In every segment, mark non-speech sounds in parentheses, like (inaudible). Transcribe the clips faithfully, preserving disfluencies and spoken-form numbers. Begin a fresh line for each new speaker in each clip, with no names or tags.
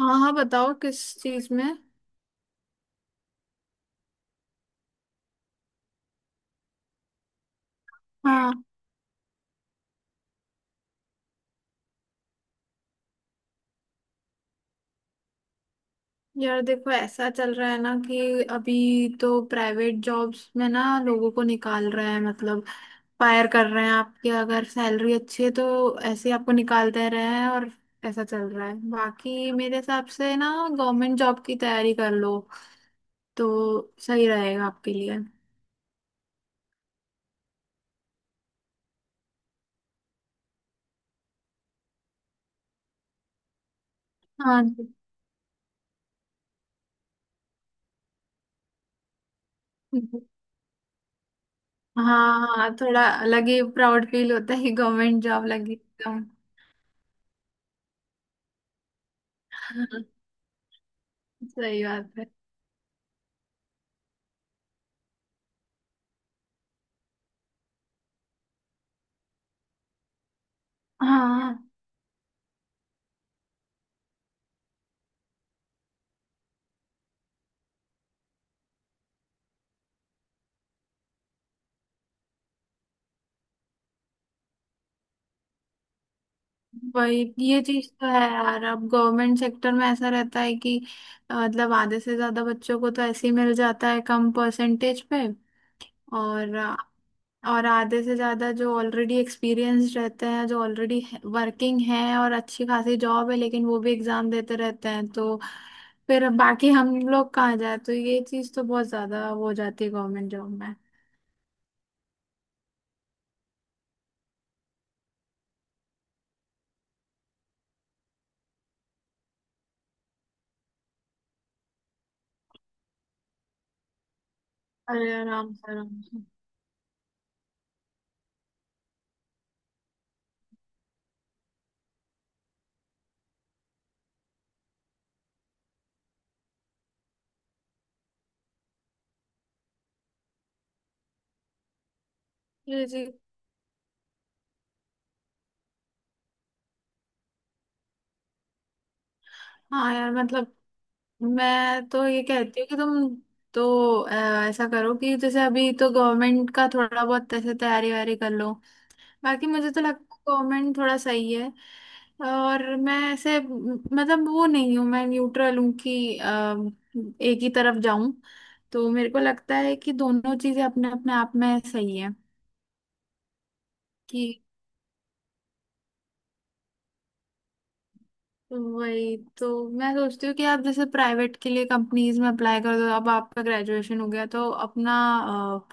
हाँ हाँ, बताओ किस चीज में। हाँ, यार देखो ऐसा चल रहा है ना कि अभी तो प्राइवेट जॉब्स में ना लोगों को निकाल रहा है, मतलब फायर कर रहे हैं। आपकी अगर सैलरी अच्छी है तो ऐसे ही आपको निकाल दे रहे हैं, और ऐसा चल रहा है। बाकी मेरे हिसाब से ना गवर्नमेंट जॉब की तैयारी कर लो तो सही रहेगा आपके लिए। हाँ जी। हाँ हाँ, थोड़ा अलग ही प्राउड फील होता है कि गवर्नमेंट जॉब लगी एकदम। (laughs) सही बात है। हाँ, वही, ये चीज तो है यार। अब गवर्नमेंट सेक्टर में ऐसा रहता है कि अ, मतलब आधे से ज्यादा बच्चों को तो ऐसे ही मिल जाता है कम परसेंटेज पे। और अ, और आधे से ज्यादा जो ऑलरेडी एक्सपीरियंस रहते हैं, जो ऑलरेडी वर्किंग हैं और अच्छी खासी जॉब है, लेकिन वो भी एग्जाम देते रहते हैं। तो फिर अब बाकी हम लोग कहाँ जाए? तो ये चीज तो बहुत ज्यादा हो जाती है गवर्नमेंट जॉब में। अरे आराम से, आराम से। ये चीज। हाँ यार, मतलब मैं तो ये कहती हूँ कि तुम तो अ, ऐसा करो कि जैसे अभी तो गवर्नमेंट का थोड़ा बहुत ऐसे तैयारी वारी कर लो। बाकी मुझे तो लगता है गवर्नमेंट थोड़ा सही है। और मैं ऐसे म, मतलब वो नहीं हूँ, मैं न्यूट्रल हूँ कि अ, एक ही तरफ जाऊं। तो मेरे को लगता है कि दोनों चीजें अपने अपने आप में सही है। वही तो मैं सोचती हूँ कि आप जैसे प्राइवेट के लिए कंपनीज में अप्लाई कर दो। अब आपका ग्रेजुएशन हो गया तो अपना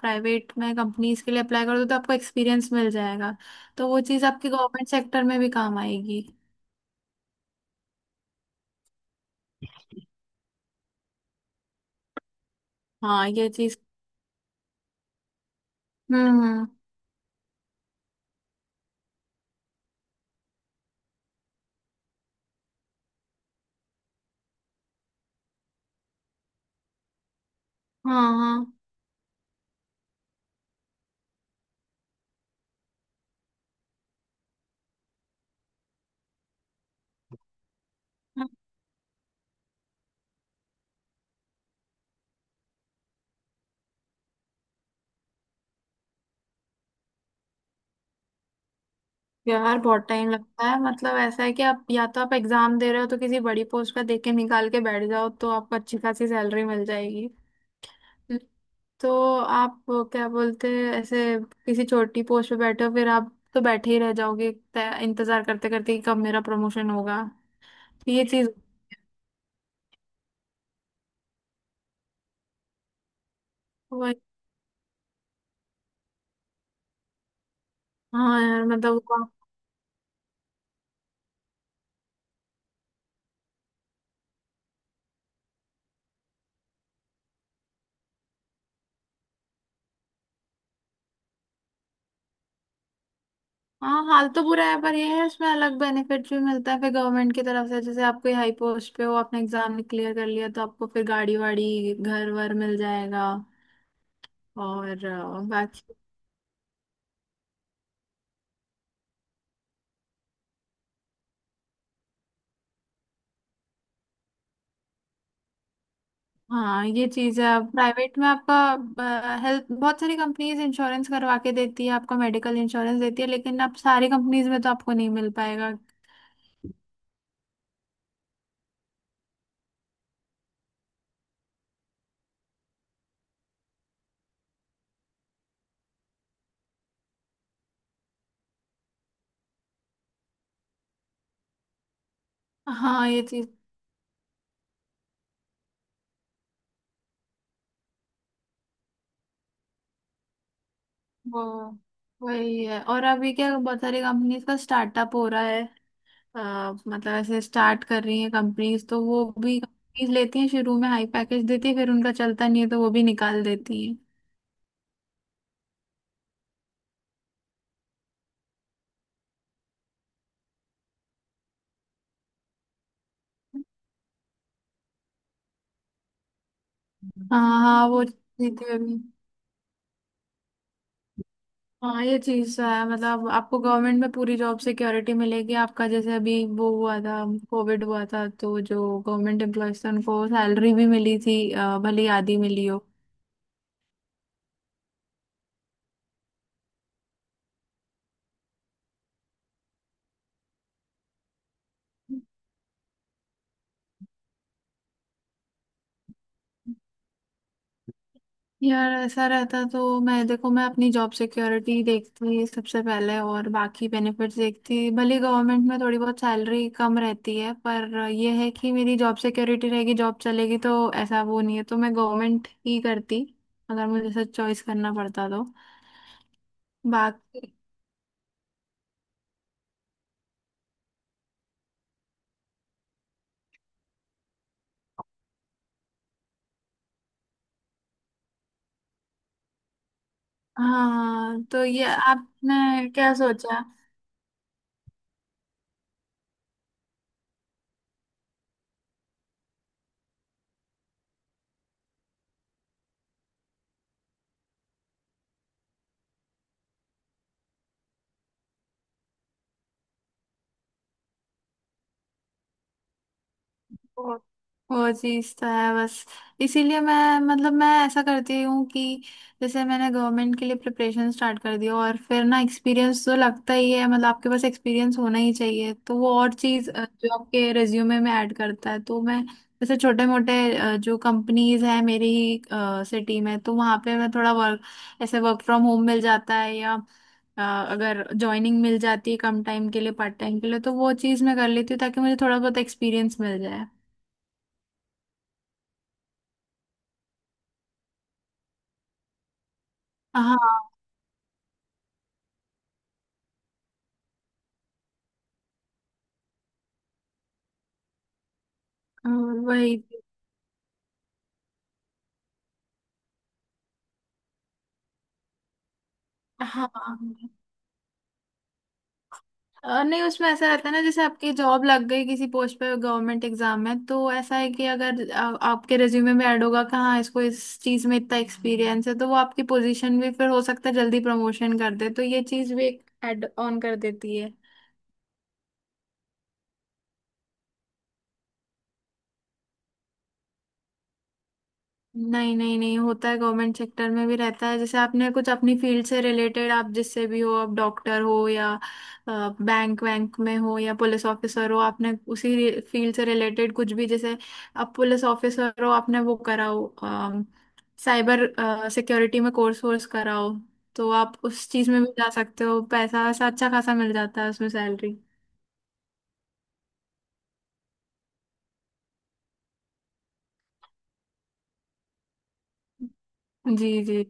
प्राइवेट में कंपनीज के लिए अप्लाई कर दो तो आपको एक्सपीरियंस मिल जाएगा। तो वो चीज़ आपकी गवर्नमेंट सेक्टर में भी काम आएगी। हाँ, ये चीज़। हम्म हम्म। हाँ हाँ। हाँ। यार बहुत टाइम लगता है। मतलब ऐसा है कि आप या तो आप एग्जाम दे रहे हो तो किसी बड़ी पोस्ट का देख के निकाल के बैठ जाओ तो आपको अच्छी खासी सैलरी मिल जाएगी। तो आप क्या बोलते हैं, ऐसे किसी छोटी पोस्ट पे बैठे हो फिर आप तो बैठे ही रह जाओगे तय- इंतजार करते करते कि कब मेरा प्रमोशन होगा। ये चीज। वही। हाँ यार मतलब वो- हाँ, हाल तो बुरा है पर ये है इसमें अलग बेनिफिट भी मिलता है फिर गवर्नमेंट की तरफ से। जैसे आप कोई हाई पोस्ट पे हो, आपने एग्जाम क्लियर कर लिया तो आपको फिर गाड़ी वाड़ी घर वर मिल जाएगा। और अ, बाकी हाँ, ये चीज है। प्राइवेट में आपका हेल्थ, बहुत सारी कंपनीज इंश्योरेंस करवा के देती है, आपका मेडिकल इंश्योरेंस देती है, लेकिन आप सारी कंपनीज में तो आपको नहीं मिल पाएगा। हाँ, ये चीज। वो वही है। और अभी क्या, बहुत सारी कंपनीज का स्टार्टअप हो रहा है। अ, मतलब ऐसे स्टार्ट कर रही है कंपनीज तो वो भी कंपनीज लेती हैं, शुरू में हाई पैकेज देती है, फिर उनका चलता नहीं है तो वो भी निकाल देती है। हाँ हाँ, वो चीज़ें भी। हाँ, ये चीज तो है। मतलब आपको गवर्नमेंट में पूरी जॉब सिक्योरिटी मिलेगी। आपका जैसे अभी वो हुआ था, कोविड हुआ था, तो जो गवर्नमेंट एम्प्लॉयज थे उनको सैलरी भी मिली थी अ, भले ही आधी मिली हो। यार ऐसा रहता तो मैं देखो मैं अपनी जॉब सिक्योरिटी देखती सबसे पहले और बाकी बेनिफिट्स देखती। भले गवर्नमेंट में थोड़ी बहुत सैलरी कम रहती है पर ये है कि मेरी जॉब सिक्योरिटी रहेगी, जॉब चलेगी तो ऐसा वो नहीं है, तो मैं गवर्नमेंट ही करती अगर मुझे ऐसा चॉइस करना पड़ता तो। बाकी हाँ तो ये, आपने क्या सोचा? वो वो चीज तो है बस। इसीलिए मैं, मतलब मैं ऐसा करती हूँ कि जैसे मैंने गवर्नमेंट के लिए प्रिपरेशन स्टार्ट कर दिया और फिर ना एक्सपीरियंस तो लगता ही है। मतलब आपके पास एक्सपीरियंस होना ही चाहिए, तो वो और चीज अ, जो आपके रिज्यूमे में ऐड करता है। तो मैं जैसे छोटे मोटे जो कंपनीज है मेरी ही सिटी में तो वहां पे मैं थोड़ा वर्क, ऐसे वर्क फ्रॉम होम मिल जाता है या अ, अगर ज्वाइनिंग मिल जाती है कम टाइम के लिए, पार्ट टाइम के लिए तो वो चीज़ मैं कर लेती हूँ ताकि मुझे थोड़ा बहुत एक्सपीरियंस मिल जाए। हाँ। वही। हाँ अ, नहीं, उसमें ऐसा रहता है ना जैसे आपकी जॉब लग गई किसी पोस्ट पे गवर्नमेंट एग्जाम में तो ऐसा है कि अगर आ, आपके रिज्यूमे में ऐड होगा कहाँ इसको इस चीज में इतना एक्सपीरियंस है तो वो आपकी पोजीशन भी फिर हो सकता है जल्दी प्रमोशन कर दे, तो ये चीज भी एक ऐड ऑन कर देती है। नहीं नहीं, नहीं होता है, गवर्नमेंट सेक्टर में भी रहता है। जैसे आपने कुछ अपनी फील्ड से रिलेटेड, आप जिससे भी हो, आप डॉक्टर हो या बैंक वैंक में हो या पुलिस ऑफिसर हो, आपने उसी फील्ड से रिलेटेड कुछ भी, जैसे आप पुलिस ऑफिसर हो आपने वो कराओ साइबर सिक्योरिटी में कोर्स वोर्स कराओ, तो आप उस चीज में भी जा सकते हो। पैसा वैसा अच्छा खासा मिल जाता है उसमें सैलरी। जी जी।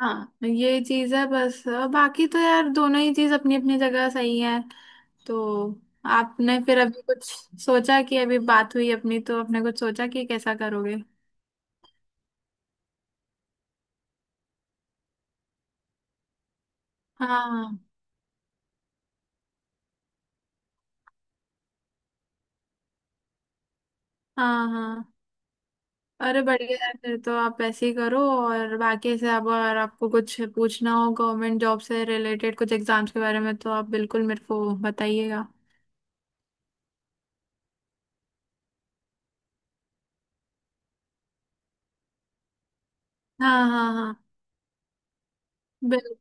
हाँ तो ये चीज है बस। बाकी तो यार दोनों ही चीज अपनी अपनी जगह सही है। तो आपने फिर अभी कुछ सोचा कि अभी बात हुई अपनी, तो आपने कुछ सोचा कि कैसा करोगे? हाँ हाँ हाँ। अरे बढ़िया है फिर तो, आप ऐसे ही करो और बाकी से अब अगर आपको कुछ पूछना हो गवर्नमेंट जॉब से रिलेटेड, कुछ एग्जाम्स के बारे में, तो आप बिल्कुल मेरे को बताइएगा। हाँ हाँ हाँ। बिल्कुल।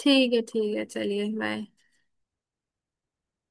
ठीक है ठीक है, चलिए बाय।